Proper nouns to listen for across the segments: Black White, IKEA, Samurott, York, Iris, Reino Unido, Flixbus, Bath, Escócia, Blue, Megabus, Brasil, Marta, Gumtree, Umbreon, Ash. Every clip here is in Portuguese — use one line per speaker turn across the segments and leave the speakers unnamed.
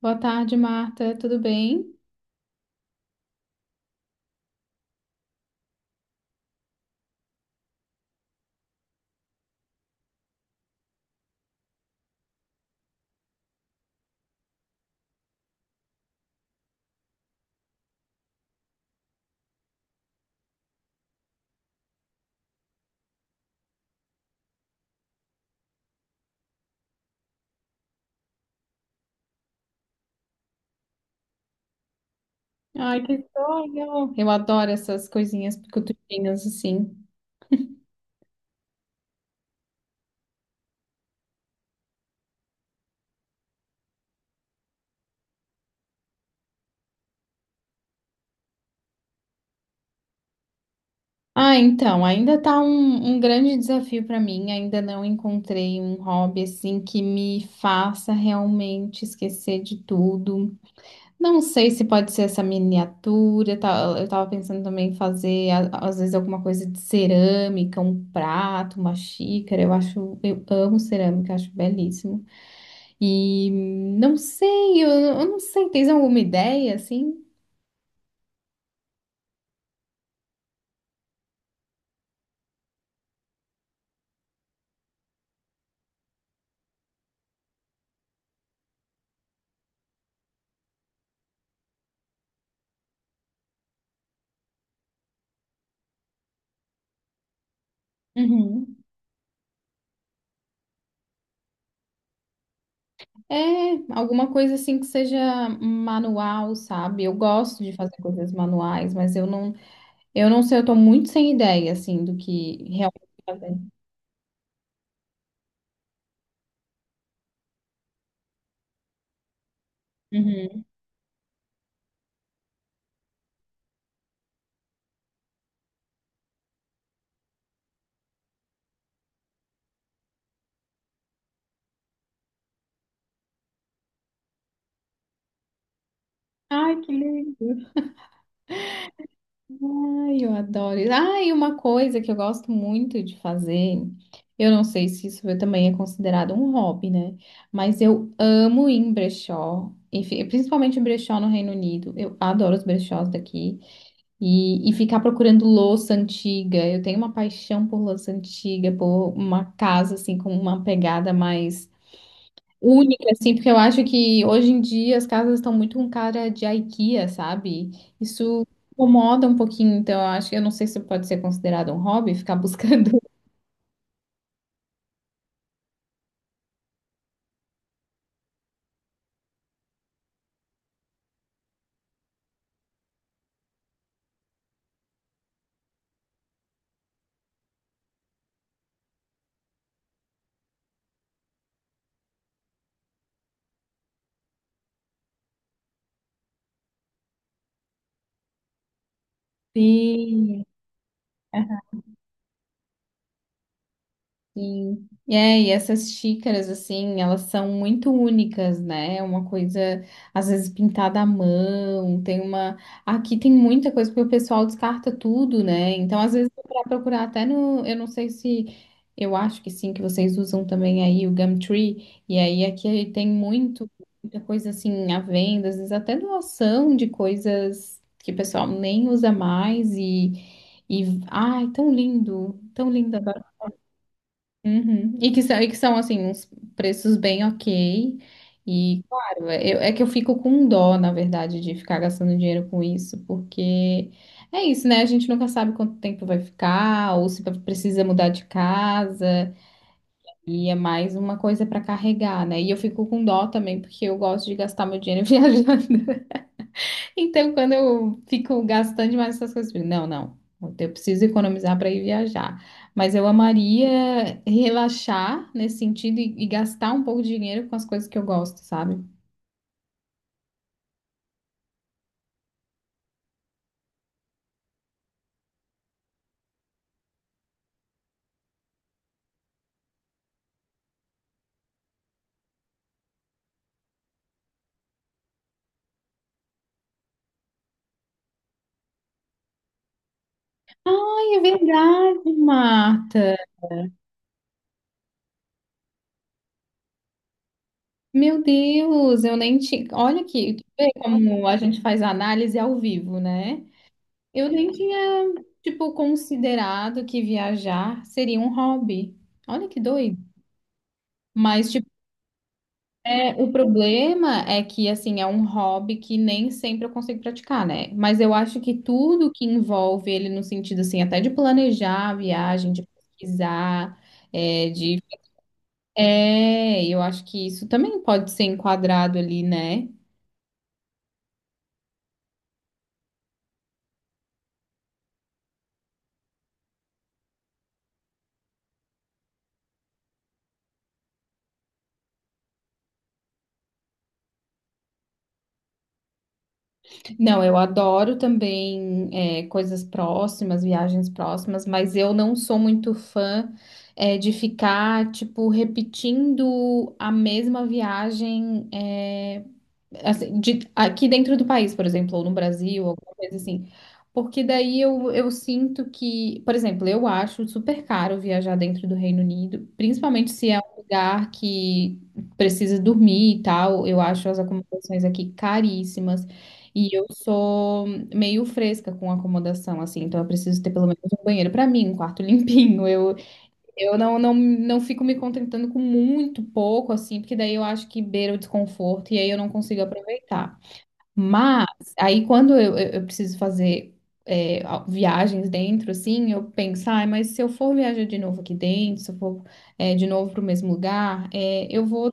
Boa tarde, Marta. Tudo bem? Ai, que sonho! Eu adoro essas coisinhas picutinhas assim. Ah, então, ainda tá um, um grande desafio para mim. Ainda não encontrei um hobby assim que me faça realmente esquecer de tudo. Não sei se pode ser essa miniatura. Eu tava pensando também em fazer, às vezes, alguma coisa de cerâmica, um prato, uma xícara. Eu acho, eu amo cerâmica, acho belíssimo. E não sei, eu não sei, tens alguma ideia assim? Uhum. É, alguma coisa assim que seja manual, sabe? Eu gosto de fazer coisas manuais, mas eu não sei, eu tô muito sem ideia assim do que realmente fazer. Uhum. Ai, que lindo. Ai, eu adoro isso. Ah, e uma coisa que eu gosto muito de fazer, eu não sei se isso também é considerado um hobby, né? Mas eu amo ir em brechó, enfim, principalmente em brechó no Reino Unido. Eu adoro os brechós daqui. E ficar procurando louça antiga. Eu tenho uma paixão por louça antiga, por uma casa assim com uma pegada mais única, assim, porque eu acho que hoje em dia as casas estão muito com cara de IKEA, sabe? Isso incomoda um pouquinho, então eu acho que eu não sei se pode ser considerado um hobby, ficar buscando. Sim. Sim. E essas xícaras, assim, elas são muito únicas, né? É uma coisa, às vezes, pintada à mão, tem uma… Aqui tem muita coisa, porque o pessoal descarta tudo, né? Então, às vezes, para procurar até no… Eu não sei se… Eu acho que sim, que vocês usam também aí o Gumtree. E aí, aqui tem muito, muita coisa, assim, à venda, às vezes até doação de coisas que o pessoal nem usa mais e… E, ai, tão lindo, tão lindo. Uhum. E que são assim, uns preços bem ok. E, claro, é que eu fico com dó, na verdade, de ficar gastando dinheiro com isso, porque é isso, né? A gente nunca sabe quanto tempo vai ficar, ou se precisa mudar de casa, e é mais uma coisa para carregar, né? E eu fico com dó também, porque eu gosto de gastar meu dinheiro viajando. Então, quando eu fico gastando demais essas coisas, eu digo, não, não, eu preciso economizar para ir viajar. Mas eu amaria relaxar nesse sentido e gastar um pouco de dinheiro com as coisas que eu gosto, sabe? Ai, é verdade, Marta. Meu Deus, eu nem tinha. Olha aqui, tu vê como a gente faz análise ao vivo, né? Eu nem tinha, tipo, considerado que viajar seria um hobby. Olha que doido. Mas, tipo, é, o problema é que, assim, é um hobby que nem sempre eu consigo praticar, né? Mas eu acho que tudo que envolve ele no sentido, assim, até de planejar a viagem, de pesquisar, é, de… É, eu acho que isso também pode ser enquadrado ali, né? Não, eu adoro também, é, coisas próximas, viagens próximas, mas eu não sou muito fã, é, de ficar, tipo, repetindo a mesma viagem, é, assim, aqui dentro do país, por exemplo, ou no Brasil, alguma coisa assim. Porque daí eu sinto que, por exemplo, eu acho super caro viajar dentro do Reino Unido, principalmente se é um lugar que precisa dormir e tal. Eu acho as acomodações aqui caríssimas. E eu sou meio fresca com acomodação, assim, então eu preciso ter pelo menos um banheiro para mim, um quarto limpinho. Eu não, não, não fico me contentando com muito pouco, assim, porque daí eu acho que beira o desconforto e aí eu não consigo aproveitar. Mas aí quando eu preciso fazer é, viagens dentro, assim, eu penso, ai, mas se eu for viajar de novo aqui dentro, se eu for é, de novo para o mesmo lugar, é, eu vou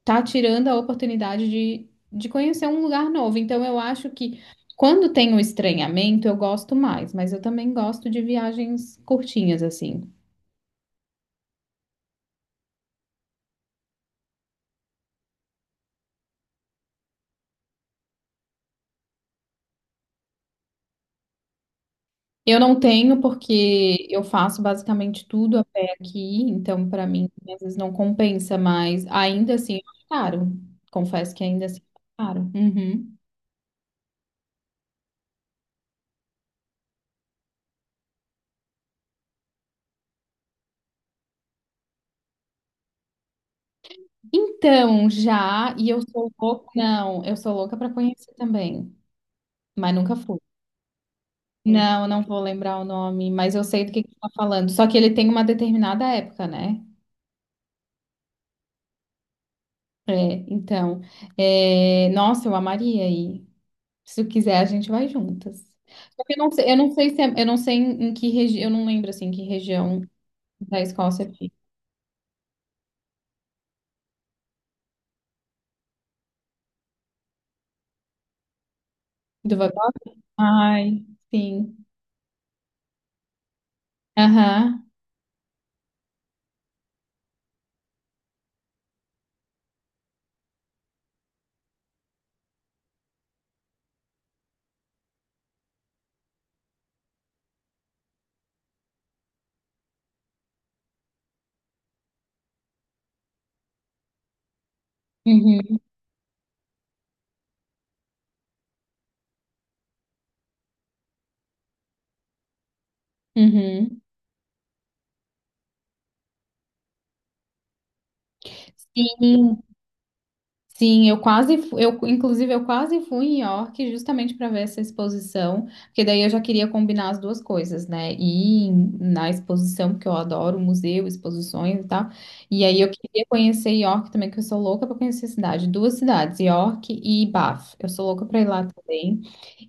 estar tirando a oportunidade de conhecer um lugar novo. Então eu acho que quando tem o estranhamento, eu gosto mais, mas eu também gosto de viagens curtinhas, assim. Eu não tenho porque eu faço basicamente tudo a pé aqui, então para mim às vezes não compensa, mas ainda assim é caro. Confesso que ainda assim é caro. Uhum. Então, já, e eu sou louca, não, eu sou louca para conhecer também, mas nunca fui. Não, não vou lembrar o nome, mas eu sei do que você tá falando. Só que ele tem uma determinada época, né? É, então, é, nossa, eu amaria aí. Se tu quiser, a gente vai juntas. Só que eu não sei se eu não sei em, em que região, eu não lembro assim em que região da Escócia fica. Do Vai- Ai, sim. Aham. Uhum. Uhum. Sim. Sim, eu quase, eu, inclusive, eu quase fui em York justamente para ver essa exposição, porque daí eu já queria combinar as duas coisas, né? Ir na exposição, porque eu adoro museu, exposições e tal. E aí eu queria conhecer York também, que eu sou louca para conhecer a cidade. Duas cidades, York e Bath. Eu sou louca para ir lá também.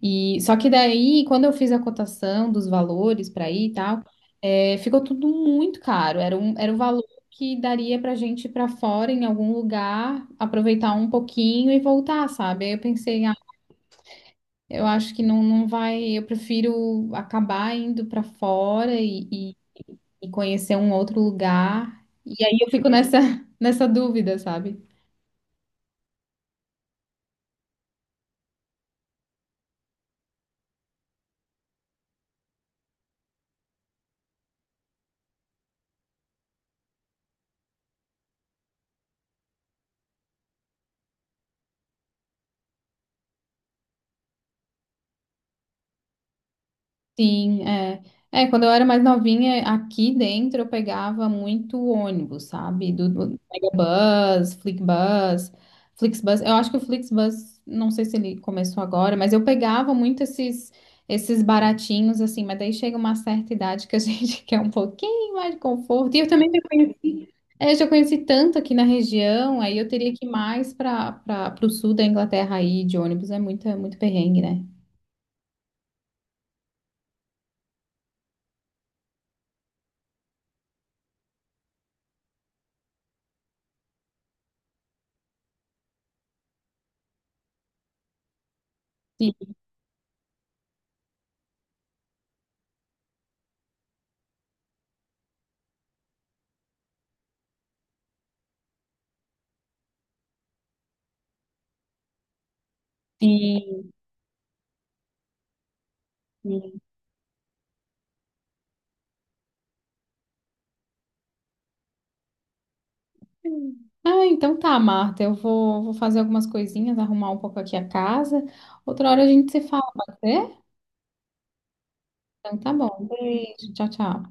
E só que daí, quando eu fiz a cotação dos valores para ir e tal, ficou tudo muito caro. Era o valor que daria pra gente ir pra fora em algum lugar, aproveitar um pouquinho e voltar, sabe? Aí eu pensei, ah, eu acho que não, não vai, eu prefiro acabar indo pra fora e conhecer um outro lugar. E aí eu fico nessa, nessa dúvida, sabe? Sim, é. É, quando eu era mais novinha, aqui dentro eu pegava muito ônibus, sabe? Do Megabus, Flixbus, Flixbus. Eu acho que o Flixbus, não sei se ele começou agora, mas eu pegava muito esses baratinhos assim, mas daí chega uma certa idade que a gente quer um pouquinho mais de conforto. E eu também já conheci, é, já conheci tanto aqui na região, aí eu teria que ir mais para o sul da Inglaterra aí de ônibus, é muito perrengue, né? Sim, sim. Ah, então tá, Marta. Eu vou, vou fazer algumas coisinhas, arrumar um pouco aqui a casa. Outra hora a gente se fala, pode ser? Então tá bom. Beijo, tchau, tchau.